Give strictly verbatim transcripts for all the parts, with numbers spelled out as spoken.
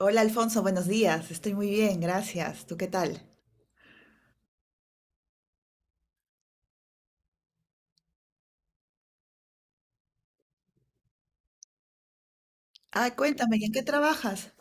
Hola Alfonso, buenos días. Estoy muy bien, gracias. ¿Tú qué tal? Ah, cuéntame, ¿y en qué trabajas?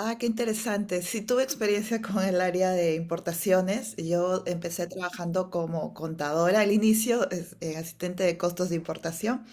Ah, qué interesante. Sí, tuve experiencia con el área de importaciones. Yo empecé trabajando como contadora al inicio, es- eh, asistente de costos de importación,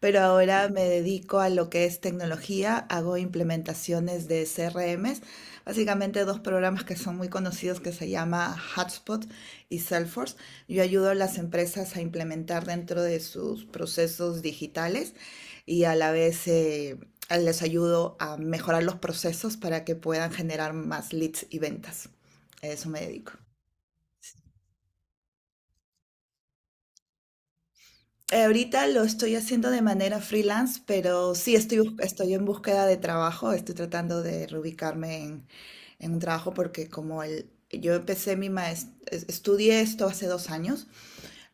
pero ahora me dedico a lo que es tecnología, hago implementaciones de C R Ms, básicamente dos programas que son muy conocidos que se llama Hubspot y Salesforce. Yo ayudo a las empresas a implementar dentro de sus procesos digitales y a la vez eh, les ayudo a mejorar los procesos para que puedan generar más leads y ventas. A eso me dedico. Eh, ahorita lo estoy haciendo de manera freelance, pero sí estoy, bus- estoy en búsqueda de trabajo, estoy tratando de reubicarme en, en un trabajo porque como el, yo empecé mi maestría, estudié esto hace dos años,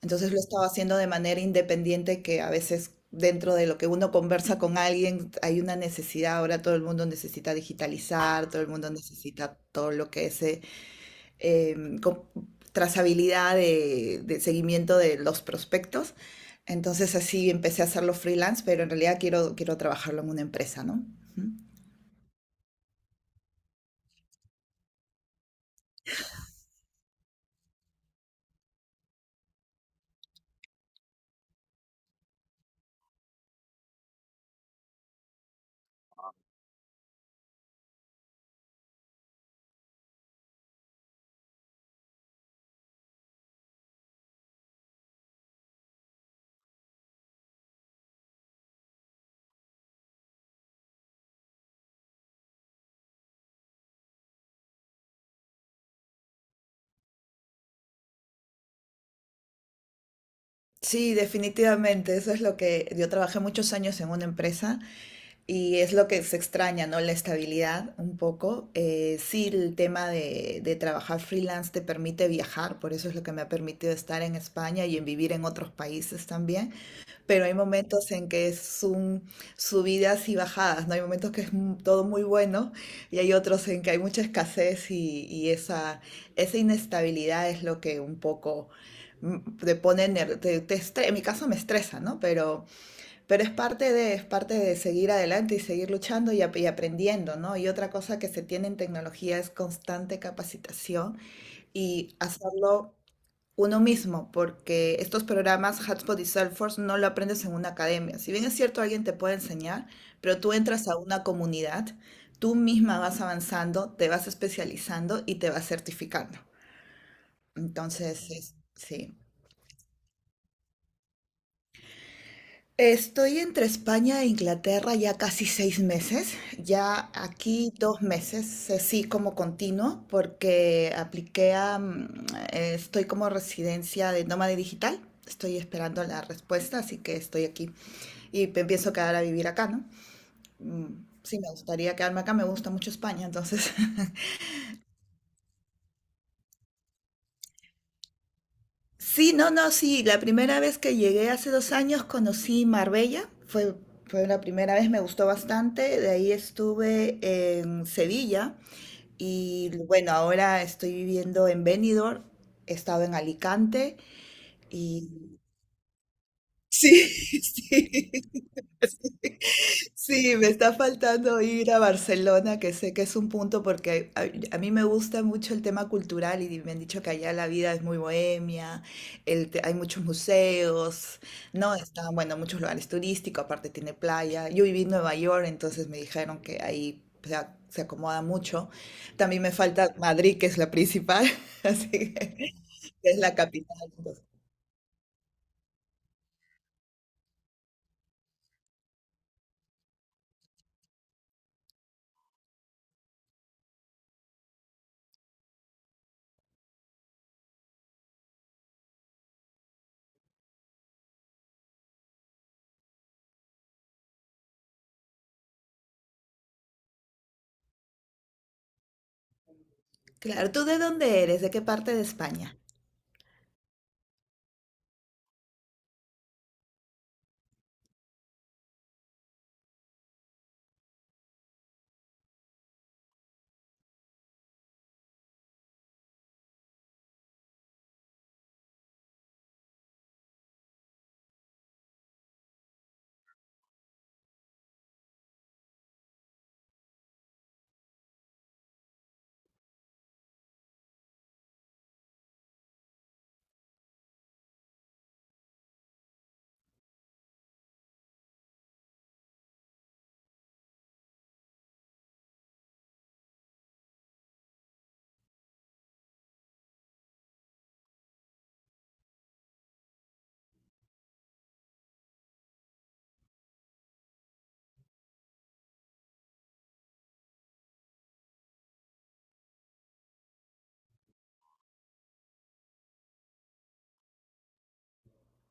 entonces lo estaba haciendo de manera independiente que a veces dentro de lo que uno conversa con alguien hay una necesidad, ahora todo el mundo necesita digitalizar, todo el mundo necesita todo lo que es eh, em, co- trazabilidad de, de seguimiento de los prospectos. Entonces así empecé a hacerlo freelance, pero en realidad quiero, quiero trabajarlo en una empresa, ¿no? Ujú. Sí, definitivamente, eso es lo que yo trabajé muchos años en una empresa y es lo que se extraña, ¿no? La estabilidad un poco. Eh, sí, el tema de, de trabajar freelance te permite viajar, por eso es lo que me ha permitido estar en España y en vivir en otros países también. Pero hay momentos en que es un subidas y bajadas, ¿no? Hay momentos que es mu- todo muy bueno y hay otros en que hay mucha escasez y, y esa, esa inestabilidad es lo que un poco mm, te pone, ner- te, te estre- en mi caso me estresa, ¿no? Pero, pero, es parte de, es parte de seguir adelante y seguir luchando y, ap- y aprendiendo, ¿no? Y otra cosa que se tiene en tecnología es constante capacitación y hacerlo uno mismo, porque estos programas Hotspot y Salesforce no lo aprendes en una academia. Si bien es cierto, alguien te puede enseñar, pero tú entras a una comunidad, tú misma vas avanzando, te vas especializando y te vas certificando. Entonces, es- sí. Estoy entre España e Inglaterra ya casi seis meses, ya aquí dos meses, eh, sí como continuo, porque apliqué a, mm, eh, estoy como residencia de nómada digital, estoy esperando la respuesta, así que estoy aquí y pe- pienso quedar a vivir acá, ¿no? Mm, Sí, me gustaría quedarme acá, me gusta mucho España, entonces Sí, no, no, sí. La primera vez que llegué hace dos años conocí Marbella. Fue, fue la primera vez, me gustó bastante. De ahí estuve en Sevilla y bueno, ahora estoy viviendo en Benidorm. He estado en Alicante y... Sí, sí. Sí, me está faltando ir a Barcelona, que sé que es un punto porque a, a mí me gusta mucho el tema cultural y me han dicho que allá la vida es muy bohemia, el te- hay muchos museos, ¿no? Están, bueno, muchos lugares turísticos, aparte tiene playa. Yo viví en Nueva York, entonces me dijeron que ahí se, a- se acomoda mucho. También me falta Madrid, que es la principal, así que es la capital, entonces. Claro, ¿tú de dónde eres? ¿De qué parte de España?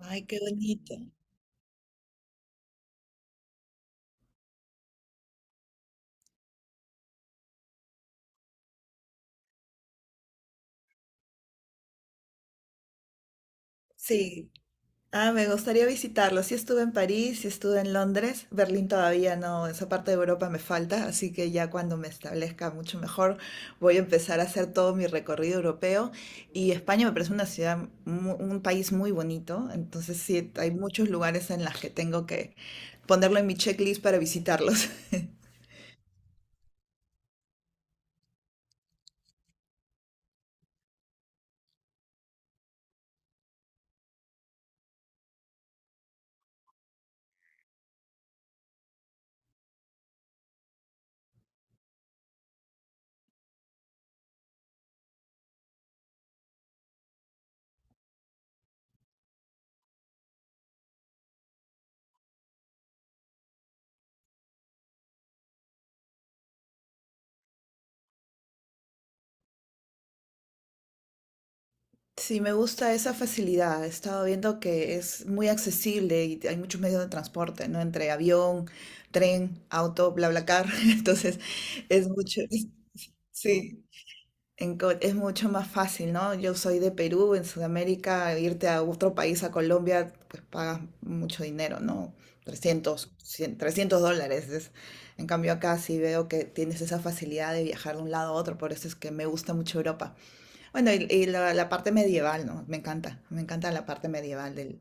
Ay, qué bonito. Sí. Ah, me gustaría visitarlo. Sí estuve en París, sí estuve en Londres. Berlín todavía no, esa parte de Europa me falta, así que ya cuando me establezca mucho mejor voy a empezar a hacer todo mi recorrido europeo. Y España me parece una ciudad, mu- un país muy bonito, entonces sí, hay muchos lugares en los que tengo que ponerlo en mi checklist para visitarlos. Sí, me gusta esa facilidad. He estado viendo que es muy accesible y hay muchos medios de transporte, ¿no? Entre avión, tren, auto, BlaBlaCar. Entonces, es mucho, es- sí, en co- es mucho más fácil, ¿no? Yo soy de Perú, en Sudamérica, irte a otro país, a Colombia, pues pagas mucho dinero, ¿no? Trescientos, cien, trescientos dólares. Es- en cambio, acá sí veo que tienes esa facilidad de viajar de un lado a otro, por eso es que me gusta mucho Europa. Bueno, y, y la, la parte medieval, ¿no? Me encanta, me encanta la parte medieval del...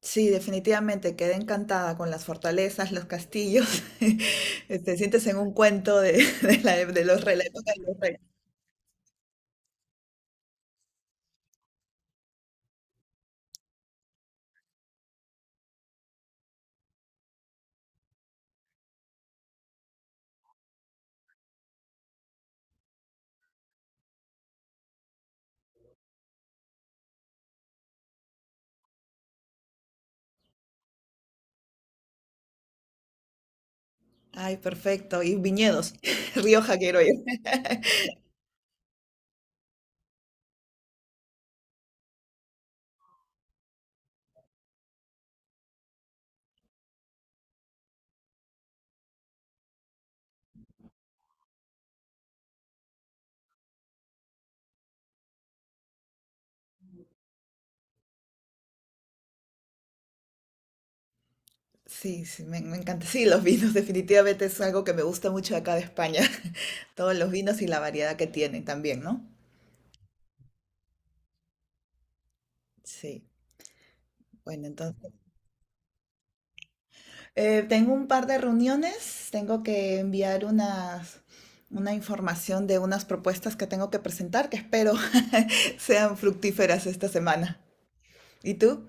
Sí, definitivamente quedé encantada con las fortalezas, los castillos. Te sientes en un cuento de, de la, de los re- la época de los reyes. Ay, perfecto. Y viñedos. Rioja quiero ir. Sí, sí, me, me encanta. Sí, los vinos definitivamente es algo que me gusta mucho de acá de España. Todos los vinos y la variedad que tienen también, ¿no? Sí. Bueno, Eh, tengo un par de reuniones, tengo que enviar unas, una información de unas propuestas que tengo que presentar, que espero sean fructíferas esta semana. ¿Y tú?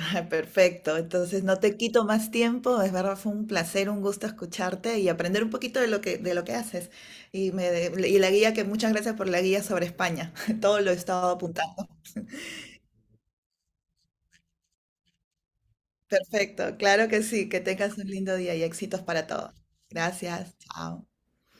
Ah, Perfecto, entonces no te quito más tiempo, es verdad, fue un placer, un gusto escucharte y aprender un poquito de lo que, de lo que haces. Y, me, de- y la guía, que muchas gracias por la guía sobre España, todo lo he estado apuntando. Perfecto, claro que sí, que tengas un lindo día y éxitos para todos. Gracias, chao.